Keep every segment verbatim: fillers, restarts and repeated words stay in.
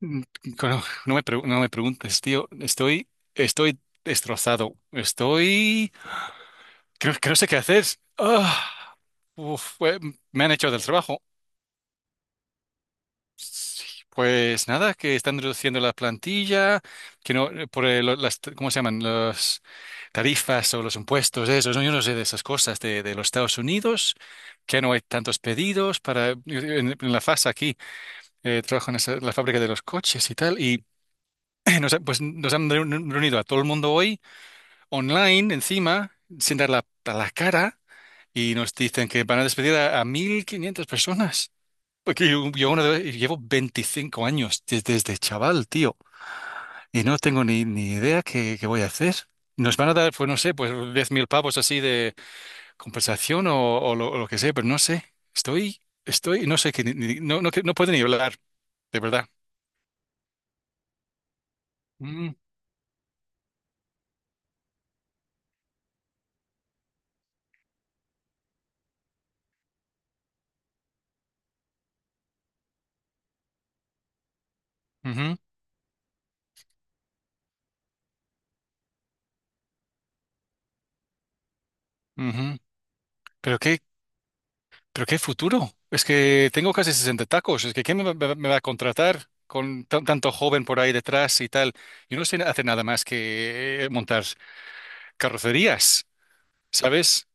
Mm, cono- No me, pregu- no me preguntes, tío. Estoy, estoy destrozado. Estoy. Creo, creo sé qué hacer. Ah, uf, eh, me han hecho del trabajo. Pues nada, que están reduciendo la plantilla, que no, eh, por eh, lo- las, ¿cómo se llaman? Las tarifas o los impuestos, eso, ¿no? Yo no sé de esas cosas de, de los Estados Unidos, que no hay tantos pedidos para. En, en la fase aquí, eh, trabajo en esa- la fábrica de los coches y tal. Y nos, ha- pues, nos han reunido a todo el mundo hoy. Online encima, sin dar la, a la cara, y nos dicen que van a despedir a, a mil quinientas personas. Porque yo, yo una vez- llevo veinticinco años des- desde chaval, tío, y no tengo ni, ni idea, qué, qué voy a hacer. Nos van a dar, pues no sé, pues diez mil pavos así de compensación, o, o lo, o lo que sea, pero no sé. Estoy, estoy, no sé, que, ni- ni- no, no, que- no puedo ni hablar, de verdad. Mm, ujú, ujú. Pero qué, ¿Pero qué futuro? Es que tengo casi sesenta tacos. Es que ¿quién me va, me va- a contratar con tan- tanto joven por ahí detrás y tal? Yo no sé hacer nada más que eh, montar carrocerías, ¿sabes?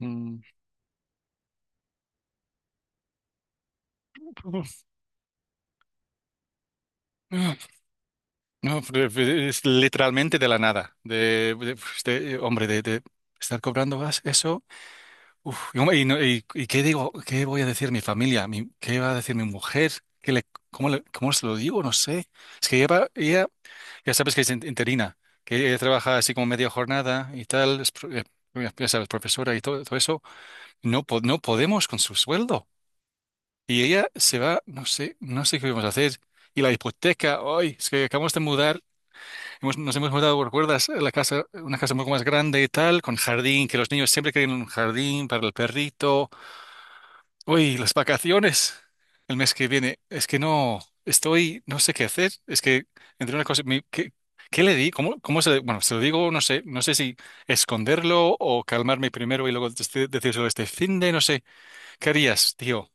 Mm. No, no, es literalmente de la nada. De, de- pues, de- hombre, de, de estar cobrando gas, eso. Uf, y, hombre, y no- y- ¿y qué digo? ¿Qué voy a decir mi familia? Mi- ¿Qué va a decir mi mujer? ¿Qué le, cómo le- ¿Cómo se lo digo? No sé. Es que lleva, ella Ya sabes que es in- interina, que ella trabaja así como media jornada y tal, es pro- eh, ya sabes, profesora y todo, todo eso. No, po- no podemos con su sueldo. Y ella se va, no sé, no sé qué vamos a hacer. Y la hipoteca, hoy es que acabamos de mudar, hemos- nos hemos mudado, ¿recuerdas? La casa, una casa un poco más grande y tal, con jardín, que los niños siempre quieren un jardín para el perrito. Uy, las vacaciones el mes que viene. Es que no, estoy, no sé qué hacer. Es que entre una cosa, mi- ¿qué, qué le di? ¿Cómo, cómo se le- Bueno, se lo digo, no sé, no sé si esconderlo o calmarme primero y luego dec- decírselo este fin de, no sé. ¿Qué harías, tío?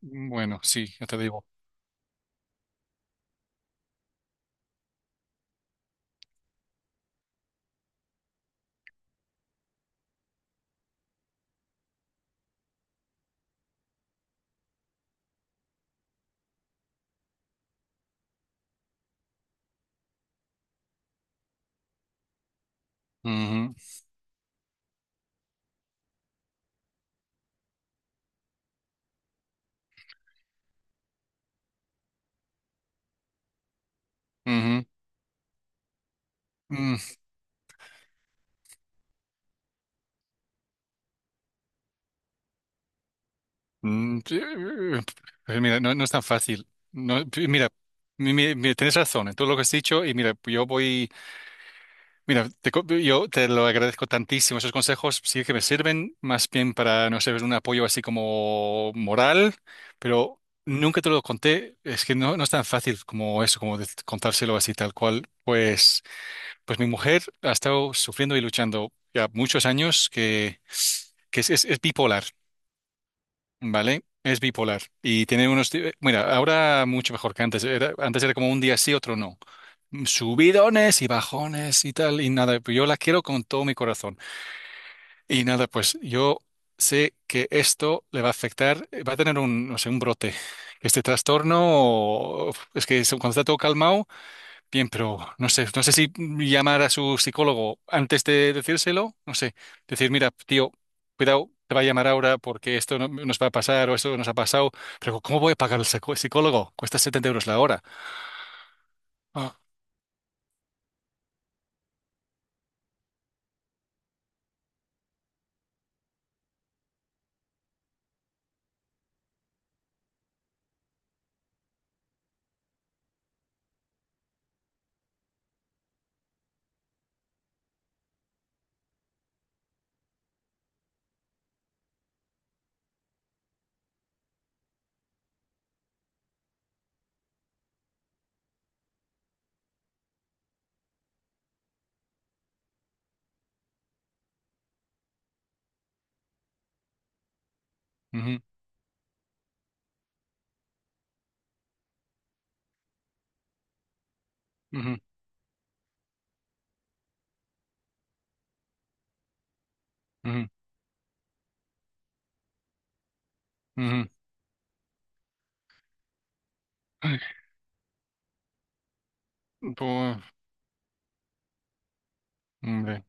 Bueno, sí, ya te digo. Ujú, ujú, mm, mm, sí, eh, pues mira, no, no es tan fácil. No, pi- mira, mi- mi- mi- tienes razón en todo lo que has dicho y mira, yo voy. Mira, te co- yo te lo agradezco tantísimo. Esos consejos sí que me sirven más bien para, no sé, un apoyo así como moral, pero nunca te lo conté. Es que no, no es tan fácil como eso, como de- contárselo así tal cual. Pues, pues mi mujer ha estado sufriendo y luchando ya muchos años que, que es, es- es bipolar. ¿Vale? Es bipolar y tiene unos... di- Mira, ahora mucho mejor que antes. Era, antes era como un día sí, otro no. Mm, Subidones y bajones y tal, y nada, pues yo la quiero con todo mi corazón. Y nada, pues yo sé que esto le va a afectar, eh, va a tener un, no sé, un brote. Este trastorno, o- es que es- cuando está todo calmado, bien, pero no sé, no sé si llamar a su psicólogo antes de decírselo, no sé, decir, mira, tío, cuidado, te va a llamar ahora porque esto no- nos va a pasar o esto nos ha pasado, pero ¿cómo voy a pagar al psico- psicólogo? Cuesta setenta euros la hora. Ah, ujú, ujú, ujú, ujú. Ay, pues, hombre,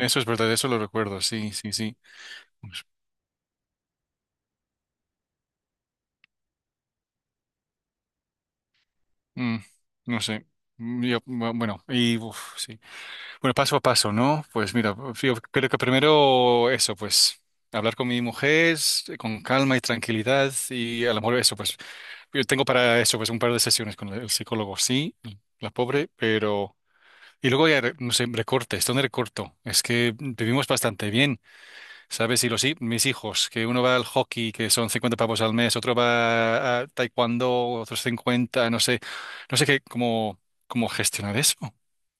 eso es verdad, eso lo recuerdo, sí, sí, sí. Pues, mm, no sé. Mm, yo, bu- bueno, y uf, sí. Bueno, paso a paso, ¿no? Pues mira, sí, yo creo que primero eso, pues hablar con mi mujer eh, con calma y tranquilidad y a lo mejor eso, pues yo tengo para eso, pues un par de sesiones con el psicólogo, sí, la pobre, pero... Y luego ya, re- no sé, recortes, ¿dónde recorto? Es que vivimos bastante bien, ¿sabes? Y los, hi- mis hijos, que uno va al hockey, que son cincuenta pavos al mes, otro va a taekwondo, otros cincuenta, no sé, no sé qué, cómo, cómo gestionar eso.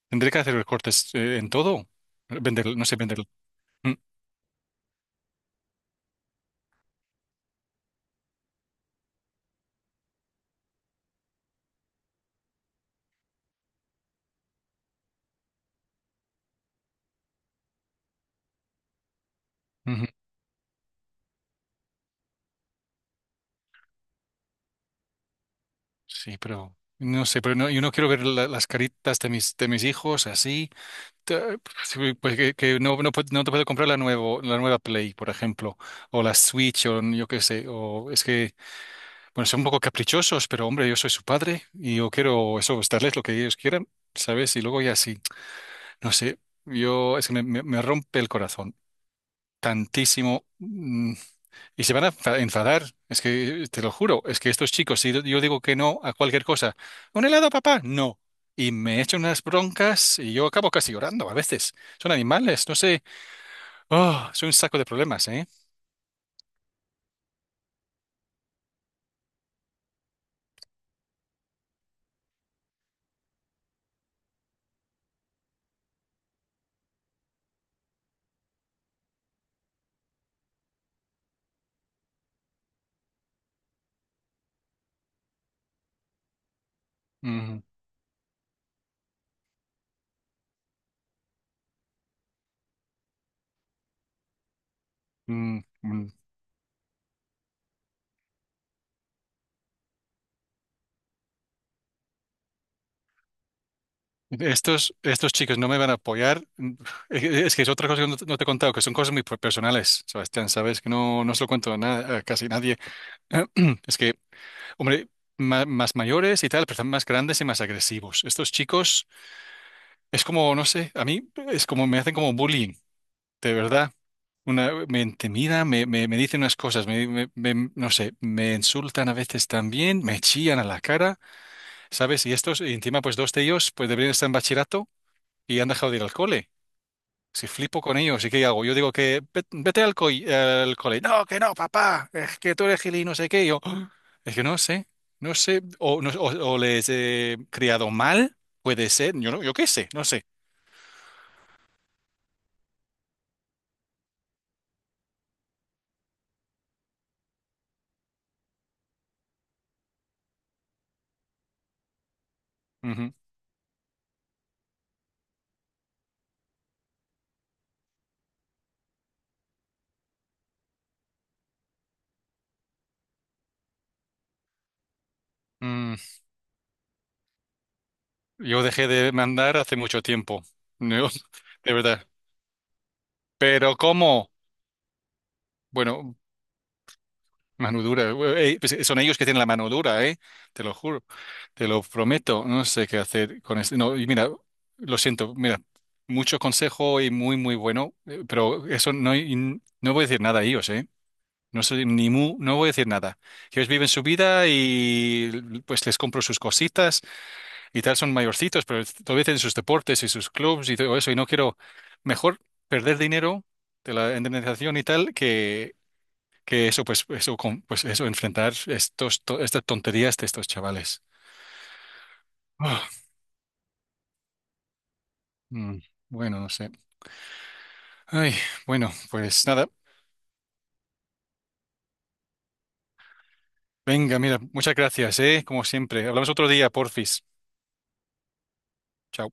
Tendré que hacer recortes eh, en todo. Vender, no sé, vender. Mm, ujú. Sí, pero no sé, pero no, yo no quiero ver la- las caritas de mis, de mis hijos así. Ta- pues, sí. Pues que, que no, no, puedo- no te puedo comprar la nuevo, la nueva Play, por ejemplo, o la Switch, o yo qué sé, o es que, bueno, son un poco caprichosos, pero hombre, yo soy su padre y yo quiero eso, pues, darles lo que ellos quieran, ¿sabes? Y luego ya sí, no sé, yo es que me, me me rompe el corazón tantísimo. mm, Y se van a enfa- enfadar, es que te lo juro, es que estos chicos, si yo digo que no a cualquier cosa, un helado, papá, no. Y me echan unas broncas y yo acabo casi llorando a veces. Son animales, no sé. Oh, es un saco de problemas, ¿eh? Mm, mm, mm. Estos, estos chicos no me van a apoyar. Mm, eh, Es que es otra cosa que no te no te he contado, que son cosas muy personales, Sebastián, sabes que no, no se lo cuento a, na- a casi nadie. Es que, hombre, ma- más mayores y tal, pero están más grandes y más agresivos. Estos chicos. Es como, no sé, a mí es como me hacen como bullying, de verdad. Una, me intimida, me, me, me dicen unas cosas, me, me- me- no sé, me insultan a veces también, me chillan a la cara, ¿sabes? Y estos, y encima, pues dos de ellos, pues deberían estar en bachillerato y han dejado de ir al cole. Si flipo con ellos, ¿y qué hago? Yo digo que "Ve- vete al, coi- al cole. No, que no, papá, es que tú eres gil y no sé qué. Yo, "Ah, es que no sé, no sé, o, no- o- o les he criado mal, puede ser, yo no, yo qué sé, no sé. Ujú. Mm. Yo dejé de mandar hace mucho tiempo, ¿no? De verdad. Pero ¿cómo? Bueno, mano dura. Eh, eh, pues son ellos que tienen la mano dura, ¿eh? Te lo juro, te lo prometo. No sé qué hacer con esto. No, y mira, lo siento, mira, mucho consejo y muy, muy bueno, eh, pero eso no, y no voy a decir nada a ellos, ¿eh? No soy ni mu, no voy a decir nada. Ellos viven su vida y pues les compro sus cositas y tal son mayorcitos, pero todavía tienen sus deportes y sus clubs y todo eso, y no quiero mejor perder dinero de la indemnización y tal que, que eso, pues eso, con- pues eso, enfrentar estos, to- estas tonterías de estos chavales. Ah, mm, bueno, no sé. Ay, bueno, pues nada. Venga, mira, muchas gracias, ¿eh? Como siempre. Hablamos otro día, porfis. Chao.